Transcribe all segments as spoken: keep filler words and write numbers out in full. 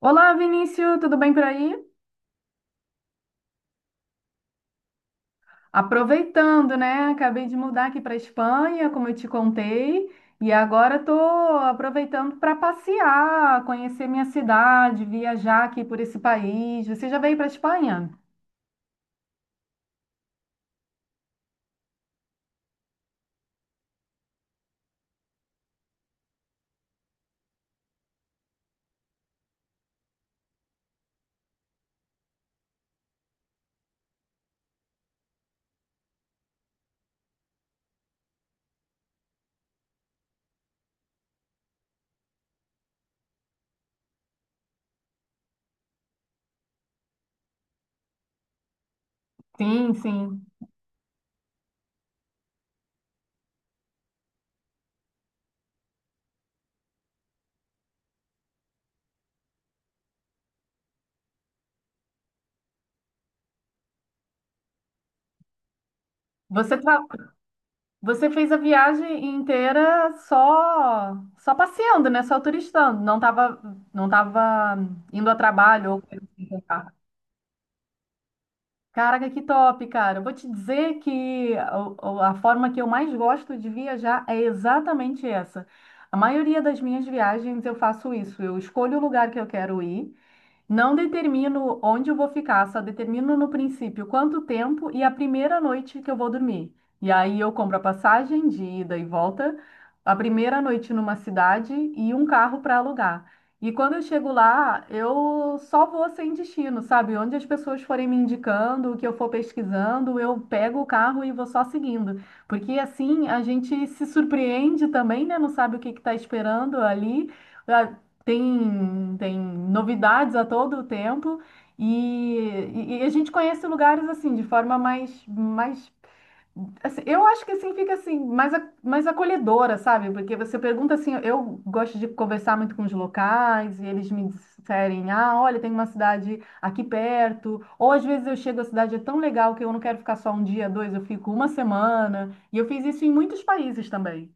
Olá, Vinícius, tudo bem por aí? Aproveitando, né? Acabei de mudar aqui para Espanha, como eu te contei, e agora estou aproveitando para passear, conhecer minha cidade, viajar aqui por esse país. Você já veio para Espanha? Sim, sim. Você, tra- Você fez a viagem inteira só só passeando, né? Só turistando. Não estava não tava indo a trabalho ou coisa assim. Caraca, que top, cara. Eu vou te dizer que o- o- a forma que eu mais gosto de viajar é exatamente essa. A maioria das minhas viagens eu faço isso. Eu escolho o lugar que eu quero ir. Não determino onde eu vou ficar, só determino no princípio quanto tempo e a primeira noite que eu vou dormir. E aí eu compro a passagem de ida e volta, a primeira noite numa cidade e um carro para alugar. E quando eu chego lá, eu só vou sem destino, sabe? Onde as pessoas forem me indicando, o que eu for pesquisando, eu pego o carro e vou só seguindo. Porque assim a gente se surpreende também, né? Não sabe o que está esperando ali. Tem, tem novidades a todo tempo e, e- e a gente conhece lugares assim de forma mais, mais assim. Eu acho que assim fica assim mais, a- mais acolhedora, sabe? Porque você pergunta assim, eu gosto de conversar muito com os locais e eles me disserem, ah, olha, tem uma cidade aqui perto, ou às vezes eu chego, a cidade é tão legal que eu não quero ficar só um dia, dois, eu fico uma semana, e eu fiz isso em muitos países também.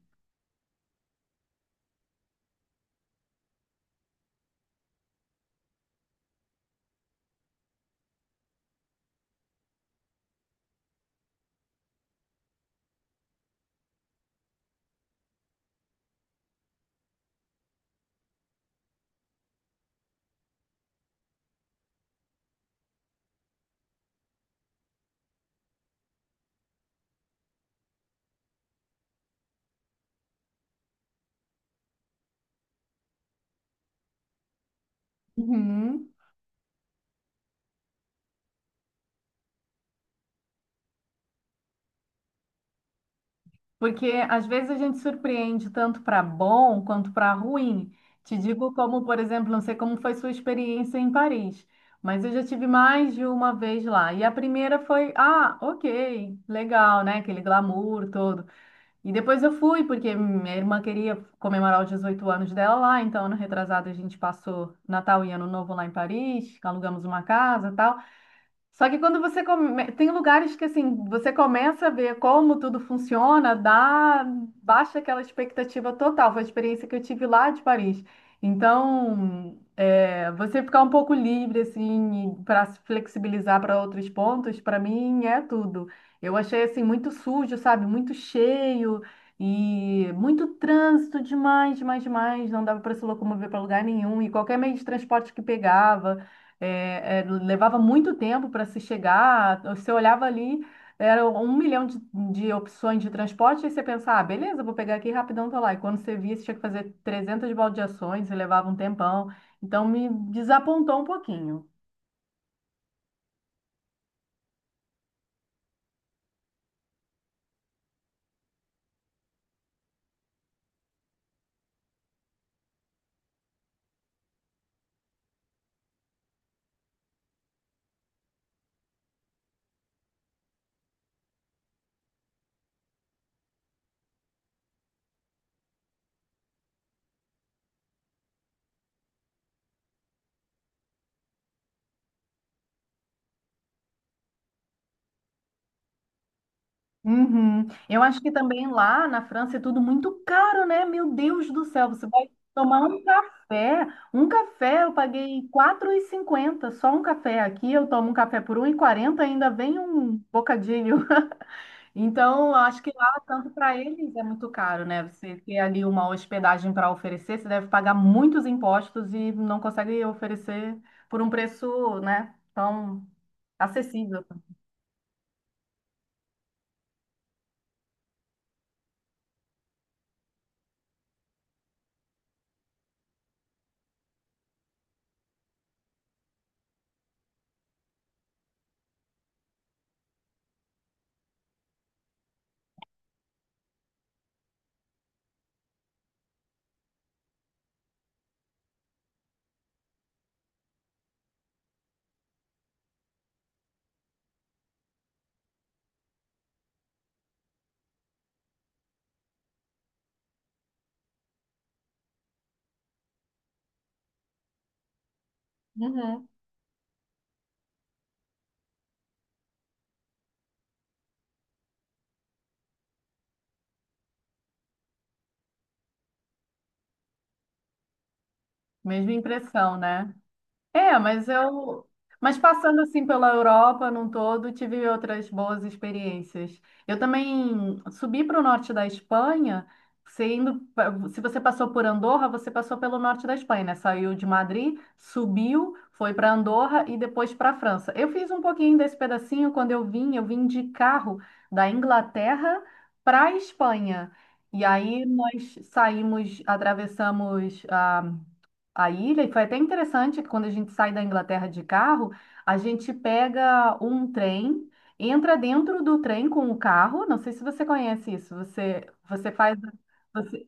Uhum. Porque às vezes a gente surpreende tanto para bom quanto para ruim. Te digo como, por exemplo, não sei como foi sua experiência em Paris, mas eu já tive mais de uma vez lá. E a primeira foi, ah, ok, legal, né? Aquele glamour todo. E depois eu fui, porque minha irmã queria comemorar os dezoito anos dela lá, então ano retrasado a gente passou Natal e Ano Novo lá em Paris, alugamos uma casa, e tal. Só que quando você come... tem lugares que assim, você começa a ver como tudo funciona, dá baixa aquela expectativa total. Foi a experiência que eu tive lá de Paris. Então, é, você ficar um pouco livre assim para se flexibilizar para outros pontos, para mim é tudo. Eu achei assim muito sujo, sabe? Muito cheio e muito trânsito demais, demais, demais. Não dava para se locomover para lugar nenhum, e qualquer meio de transporte que pegava é, é, levava muito tempo para se chegar. Você olhava ali, era um milhão de, de opções de transporte, e você pensava, ah, beleza, vou pegar aqui rapidão, tô lá. E quando você via, você tinha que fazer trezentas baldeações e levava um tempão. Então me desapontou um pouquinho. Uhum. Eu acho que também lá na França é tudo muito caro, né? Meu Deus do céu, você vai tomar um café. Um café eu paguei quatro e cinquenta, só um café. Aqui eu tomo um café por um e quarenta, ainda vem um bocadinho. Então, eu acho que lá, tanto para eles, é muito caro, né? Você ter ali uma hospedagem para oferecer, você deve pagar muitos impostos e não consegue oferecer por um preço, né, tão acessível. Uhum. Mesma impressão, né? É, mas eu. Mas passando assim pela Europa num todo, tive outras boas experiências. Eu também subi para o norte da Espanha. Você indo, pa- se você passou por Andorra, você passou pelo norte da Espanha, né? Saiu de Madrid, subiu, foi para Andorra e depois para a França. Eu fiz um pouquinho desse pedacinho quando eu vim. Eu vim de carro da Inglaterra para a Espanha. E aí nós saímos, atravessamos a a ilha, e foi até interessante que quando a gente sai da Inglaterra de carro, a gente pega um trem, entra dentro do trem com o carro, não sei se você conhece isso. Você, você, faz, você,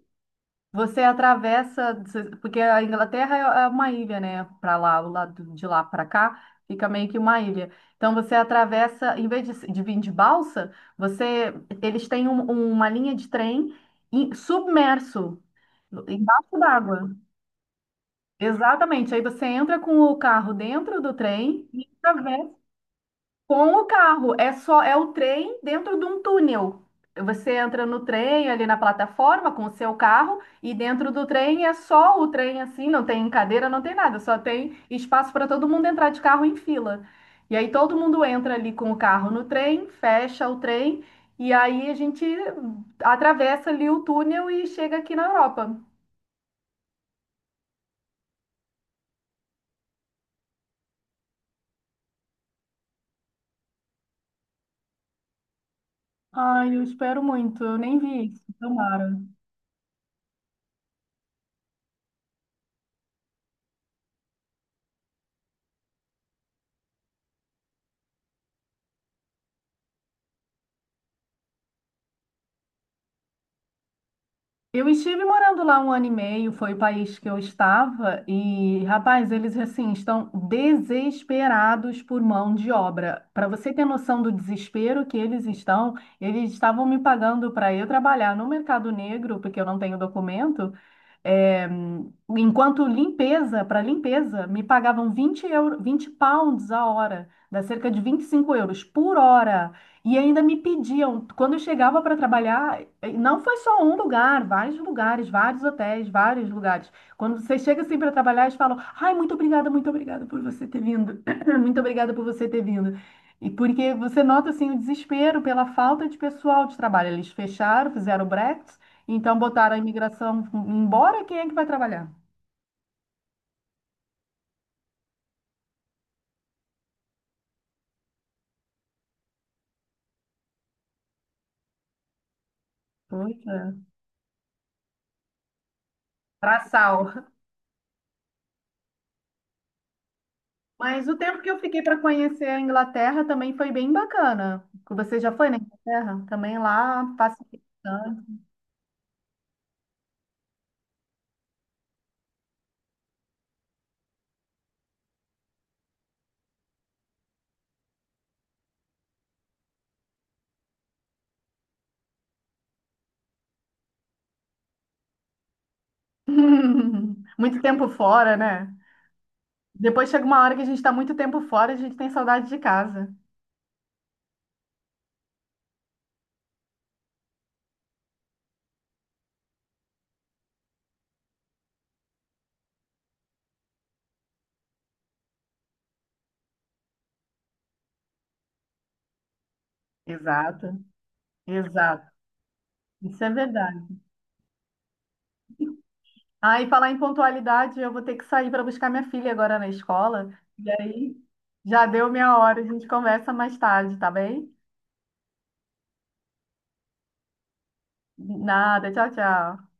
você atravessa, você- porque a Inglaterra é é uma ilha, né? Para lá, o lado de lá para cá. Fica meio que uma ilha. Então você atravessa, em vez de, se- de vir de balsa, você, eles têm um- uma linha de trem em- submerso, embaixo d'água. Exatamente. Aí você entra com o carro dentro do trem e atravessa com o carro. É só é o trem dentro de um túnel. Você entra no trem ali na plataforma com o seu carro, e dentro do trem é só o trem assim, não tem cadeira, não tem nada, só tem espaço para todo mundo entrar de carro em fila. E aí todo mundo entra ali com o carro no trem, fecha o trem, e aí a gente atravessa ali o túnel e chega aqui na Europa. Ai, eu espero muito. Eu nem vi isso. Tomara. Eu estive morando lá um ano e meio, foi o país que eu estava, e rapaz, eles assim estão desesperados por mão de obra. Para você ter noção do desespero que eles estão, eles estavam me pagando para eu trabalhar no mercado negro, porque eu não tenho documento, é, enquanto limpeza, para limpeza, me pagavam vinte euro, vinte pounds a hora, dá cerca de vinte e cinco euros por hora. E ainda me pediam, quando eu chegava para trabalhar, eh, não foi só um lugar, vários lugares, vários hotéis, vários lugares. Quando você chega assim para trabalhar, eles falam: "Ai, muito obrigada, muito obrigada por você ter vindo." "Muito obrigada por você ter vindo." E porque você nota assim o desespero pela falta de pessoal de trabalho. Eles fecharam, fizeram o Brexit. Então botaram a imigração embora, quem é que vai trabalhar? Pois é. Braçal. Mas o tempo que eu fiquei para conhecer a Inglaterra também foi bem bacana. Você já foi na Inglaterra? Também lá, pacificando. Muito tempo fora, né? Depois chega uma hora que a gente está muito tempo fora, e a gente tem saudade de casa. Exato, exato. Isso é verdade. Ah, e falar em pontualidade, eu vou ter que sair para buscar minha filha agora na escola. E aí, já deu minha hora, a gente conversa mais tarde, tá bem? Nada, tchau, tchau.